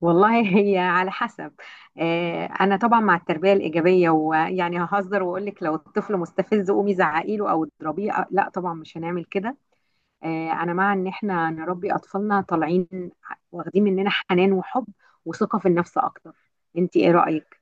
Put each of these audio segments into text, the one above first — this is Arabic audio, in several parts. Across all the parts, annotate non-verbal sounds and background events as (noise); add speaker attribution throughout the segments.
Speaker 1: والله (laughs) هي على حسب. آه، انا طبعا مع التربيه الايجابيه، ويعني ههزر واقول لك لو الطفل مستفز قومي زعقي له او اضربيه، لا طبعا مش هنعمل كده. آه، انا مع ان احنا نربي اطفالنا طالعين واخدين مننا حنان وحب وثقه في النفس اكتر. انت ايه رايك؟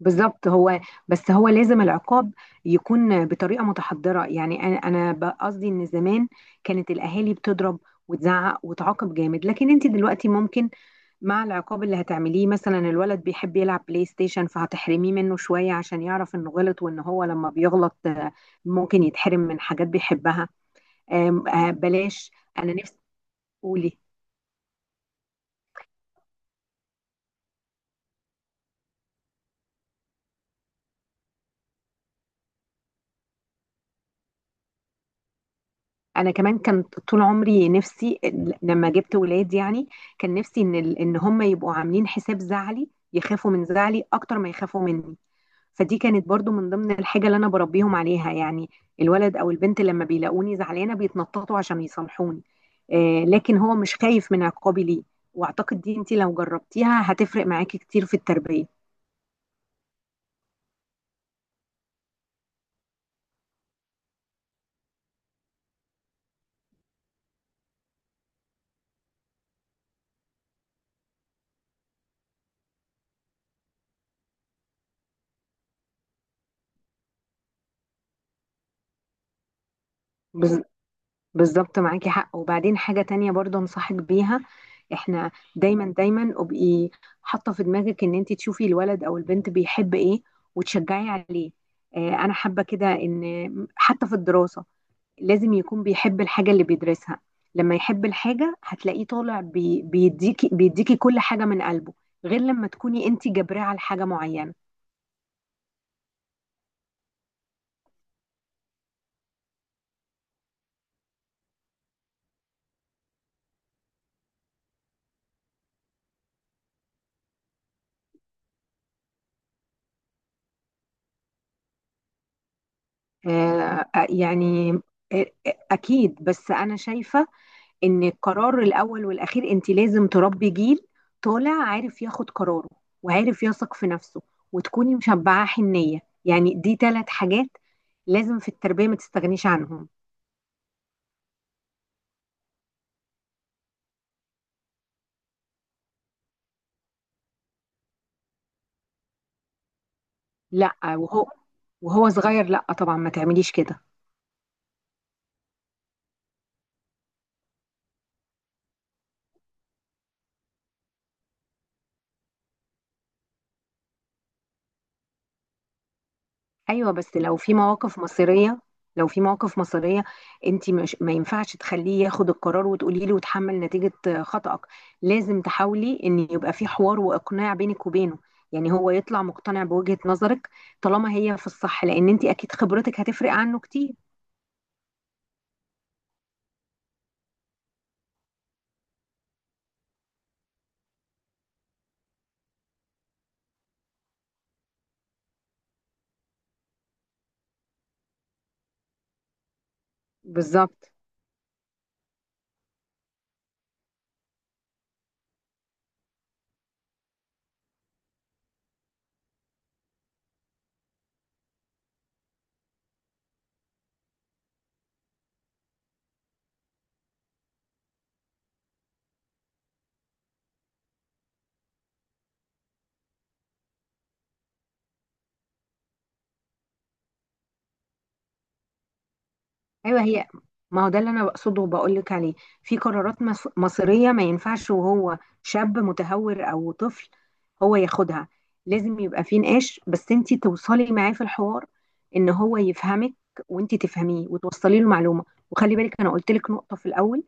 Speaker 1: بالظبط. هو بس هو لازم العقاب يكون بطريقه متحضره. يعني انا قصدي ان زمان كانت الاهالي بتضرب وتزعق وتعاقب جامد، لكن انت دلوقتي ممكن مع العقاب اللي هتعمليه. مثلا الولد بيحب يلعب بلاي ستيشن فهتحرميه منه شوية عشان يعرف انه غلط، وان هو لما بيغلط ممكن يتحرم من حاجات بيحبها. بلاش. انا نفسي. قولي. انا كمان كانت طول عمري نفسي لما جبت ولاد، يعني كان نفسي ان ان هم يبقوا عاملين حساب زعلي، يخافوا من زعلي اكتر ما يخافوا مني. فدي كانت برضو من ضمن الحاجة اللي أنا بربيهم عليها. يعني الولد أو البنت لما بيلاقوني زعلانة بيتنططوا عشان يصالحوني، لكن هو مش خايف من عقابي ليه. وأعتقد دي، أنت لو جربتيها هتفرق معاكي كتير في التربية. بز- بالظبط، معاكي حق. وبعدين حاجة تانية برضو أنصحك بيها. احنا دايما دايما ابقي حاطة في دماغك ان انت تشوفي الولد او البنت بيحب ايه وتشجعي عليه. انا حابة كده ان حتى في الدراسة لازم يكون بيحب الحاجة اللي بيدرسها. لما يحب الحاجة هتلاقيه طالع بيديكي بيديكي كل حاجة من قلبه، غير لما تكوني انت جبراه على حاجة معينة. آه، آه، يعني آه، آه، اكيد. بس انا شايفة ان القرار الاول والاخير انت لازم تربي جيل طالع عارف ياخد قراره، وعارف يثق في نفسه، وتكوني مشبعة حنية. يعني دي ثلاث حاجات لازم في التربية ما تستغنيش عنهم. لا، وهو صغير لا طبعا ما تعمليش كده. ايوه بس لو في مواقف مصيريه انت مش، ما ينفعش تخليه ياخد القرار وتقولي له وتحمل نتيجه خطأك. لازم تحاولي ان يبقى في حوار واقناع بينك وبينه. يعني هو يطلع مقتنع بوجهة نظرك طالما هي في الصح، لان انت اكيد خبرتك هتفرق عنه كتير. بالظبط. ايوه هي، ما هو ده اللي انا بقصده وبقول لك عليه. في قرارات مصيريه ما ينفعش وهو شاب متهور او طفل هو ياخدها. لازم يبقى في نقاش، بس انت توصلي معاه في الحوار، ان هو يفهمك وانت تفهميه وتوصلي له معلومه. وخلي بالك، انا قلت لك نقطه في الاول.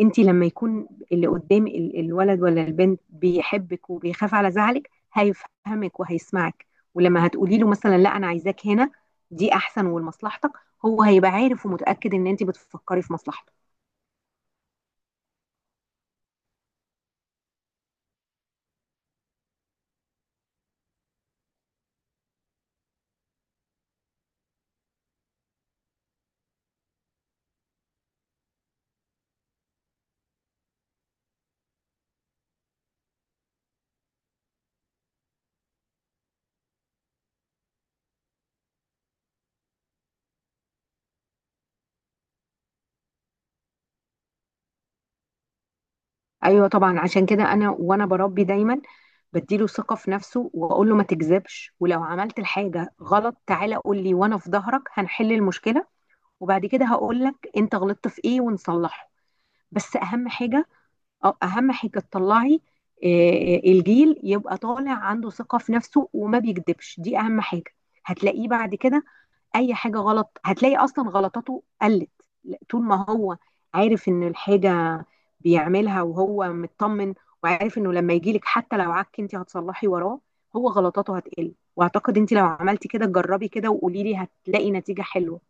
Speaker 1: انت لما يكون اللي قدام الولد ولا البنت بيحبك وبيخاف على زعلك هيفهمك وهيسمعك. ولما هتقولي له مثلا لا انا عايزاك هنا، دي احسن ولمصلحتك، هو هيبقى عارف ومتأكد ان انت بتفكري في مصلحته. ايوه طبعا. عشان كده انا وانا بربي دايما بديله ثقة في نفسه واقول له: ما تكذبش، ولو عملت الحاجة غلط تعالى قول لي وانا في ظهرك هنحل المشكلة. وبعد كده هقول لك انت غلطت في ايه ونصلحه. بس اهم حاجة، تطلعي، الجيل يبقى طالع عنده ثقة في نفسه وما بيكذبش. دي اهم حاجة. هتلاقيه بعد كده اي حاجه غلط هتلاقي اصلا غلطاته قلت. لا، طول ما هو عارف ان الحاجه بيعملها وهو مطمن، وعارف انه لما يجي لك حتى لو عك انت هتصلحي وراه، هو غلطاته هتقل. واعتقد انت لو عملتي كده، جربي كده وقولي لي، هتلاقي نتيجه حلوه.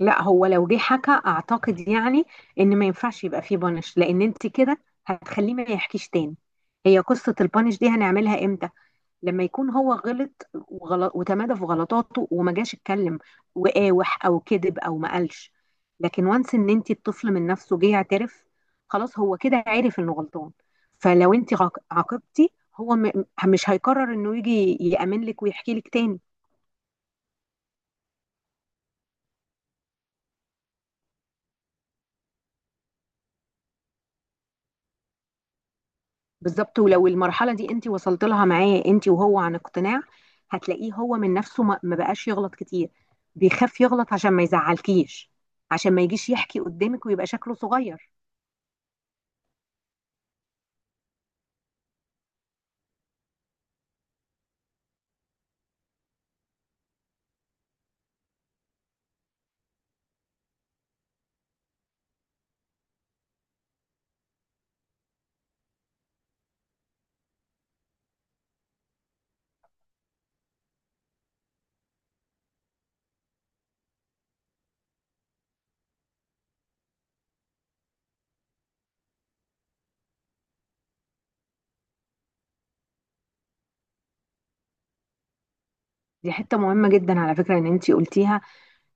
Speaker 1: لا، هو لو جه حكى اعتقد، يعني، ان ما ينفعش يبقى فيه بانش، لان انت كده هتخليه ما يحكيش تاني. هي قصه البانش دي هنعملها امتى؟ لما يكون هو غلط وغلط وتمادى في غلطاته وما جاش اتكلم وقاوح او كذب او ما قالش. لكن وانس ان انت الطفل من نفسه جه يعترف، خلاص هو كده عرف انه غلطان. فلو انت عاقبتي، هو مش هيقرر انه يجي يأمن لك ويحكي لك تاني. بالظبط. ولو المرحلة دي انت وصلت لها معاه انت وهو عن اقتناع، هتلاقيه هو من نفسه ما بقاش يغلط كتير. بيخاف يغلط عشان ما يزعلكيش، عشان ما يجيش يحكي قدامك ويبقى شكله صغير. دي حتة مهمة جدا على فكرة ان انتي قلتيها.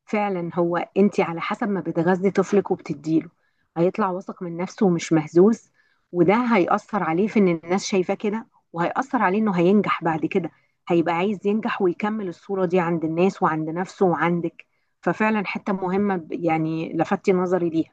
Speaker 1: فعلا هو انتي على حسب ما بتغذي طفلك وبتديله، هيطلع واثق من نفسه ومش مهزوز. وده هيأثر عليه في ان الناس شايفاه كده، وهيأثر عليه انه هينجح بعد كده. هيبقى عايز ينجح ويكمل الصورة دي عند الناس وعند نفسه وعندك. ففعلا حتة مهمة، يعني لفتي نظري ليها.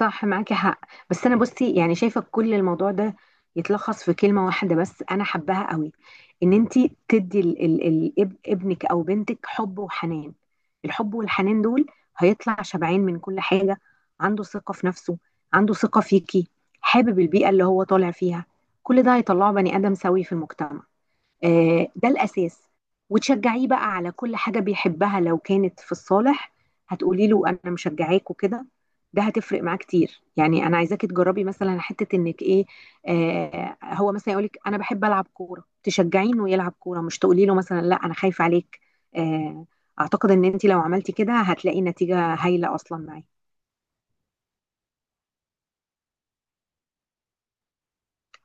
Speaker 1: صح، معاكي حق. بس انا بصي يعني شايفه كل الموضوع ده يتلخص في كلمه واحده بس انا حباها قوي. ان انت تدي ابنك او بنتك حب وحنان. الحب والحنان دول هيطلع شبعان من كل حاجه، عنده ثقه في نفسه، عنده ثقه فيكي، حابب البيئه اللي هو طالع فيها. كل ده هيطلعه بني ادم سوي في المجتمع. ده الأساس. وتشجعيه بقى على كل حاجة بيحبها لو كانت في الصالح. هتقولي له أنا مشجعاك وكده، ده هتفرق معاه كتير. يعني أنا عايزاكي تجربي مثلا حتة إنك إيه، هو مثلا يقولك أنا بحب ألعب كورة، تشجعيه إنه يلعب كورة، مش تقولي له مثلا لا أنا خايفة عليك. آه أعتقد إن أنت لو عملتي كده هتلاقي نتيجة هايلة أصلا معاه.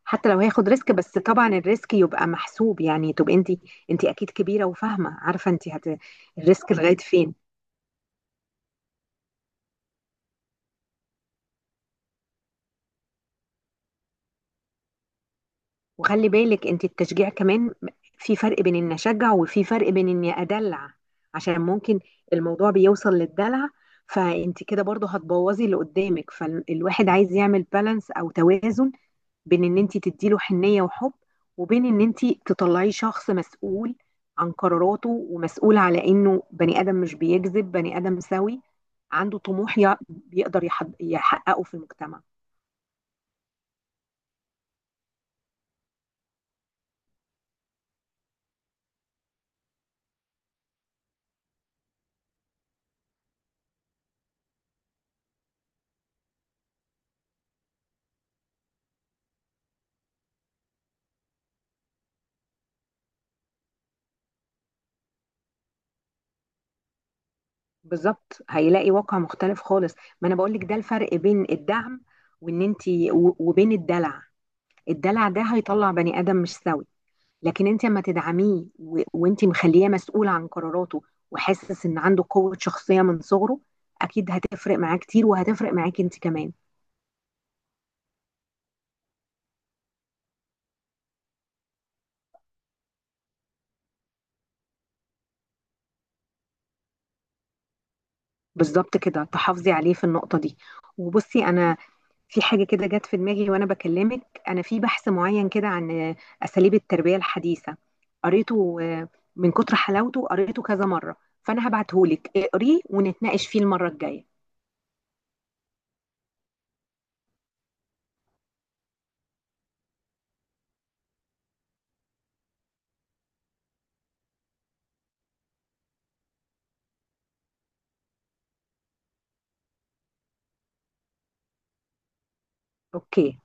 Speaker 1: حتى لو هياخد ريسك، بس طبعا الريسك يبقى محسوب. يعني تبقى انت اكيد كبيره وفاهمه، عارفه انت الريسك لغايه فين. وخلي بالك انت، التشجيع كمان في فرق بين اني اشجع وفي فرق بين اني ادلع، عشان ممكن الموضوع بيوصل للدلع. فانت كده برضو هتبوظي اللي قدامك. فالواحد عايز يعمل بالانس او توازن، بين ان انت تديله حنية وحب، وبين ان انت تطلعيه شخص مسؤول عن قراراته، ومسؤول على انه بني ادم مش بيكذب، بني ادم سوي عنده طموح بيقدر يحققه في المجتمع. بالظبط. هيلاقي واقع مختلف خالص. ما انا بقول لك ده الفرق بين الدعم، وان انت وبين الدلع. الدلع ده هيطلع بني ادم مش سوي. لكن انت لما تدعميه وانت مخليه مسؤول عن قراراته، وحاسس ان عنده قوة شخصية من صغره، اكيد هتفرق معاه كتير وهتفرق معاكي انت كمان. بالظبط كده تحافظي عليه في النقطة دي. وبصي انا، في حاجة كده جت في دماغي وأنا بكلمك، أنا في بحث معين كده عن أساليب التربية الحديثة، قريته، من كتر حلاوته قريته كذا مرة. فأنا هبعتهولك اقريه ونتناقش فيه المرة الجاية. أوكي.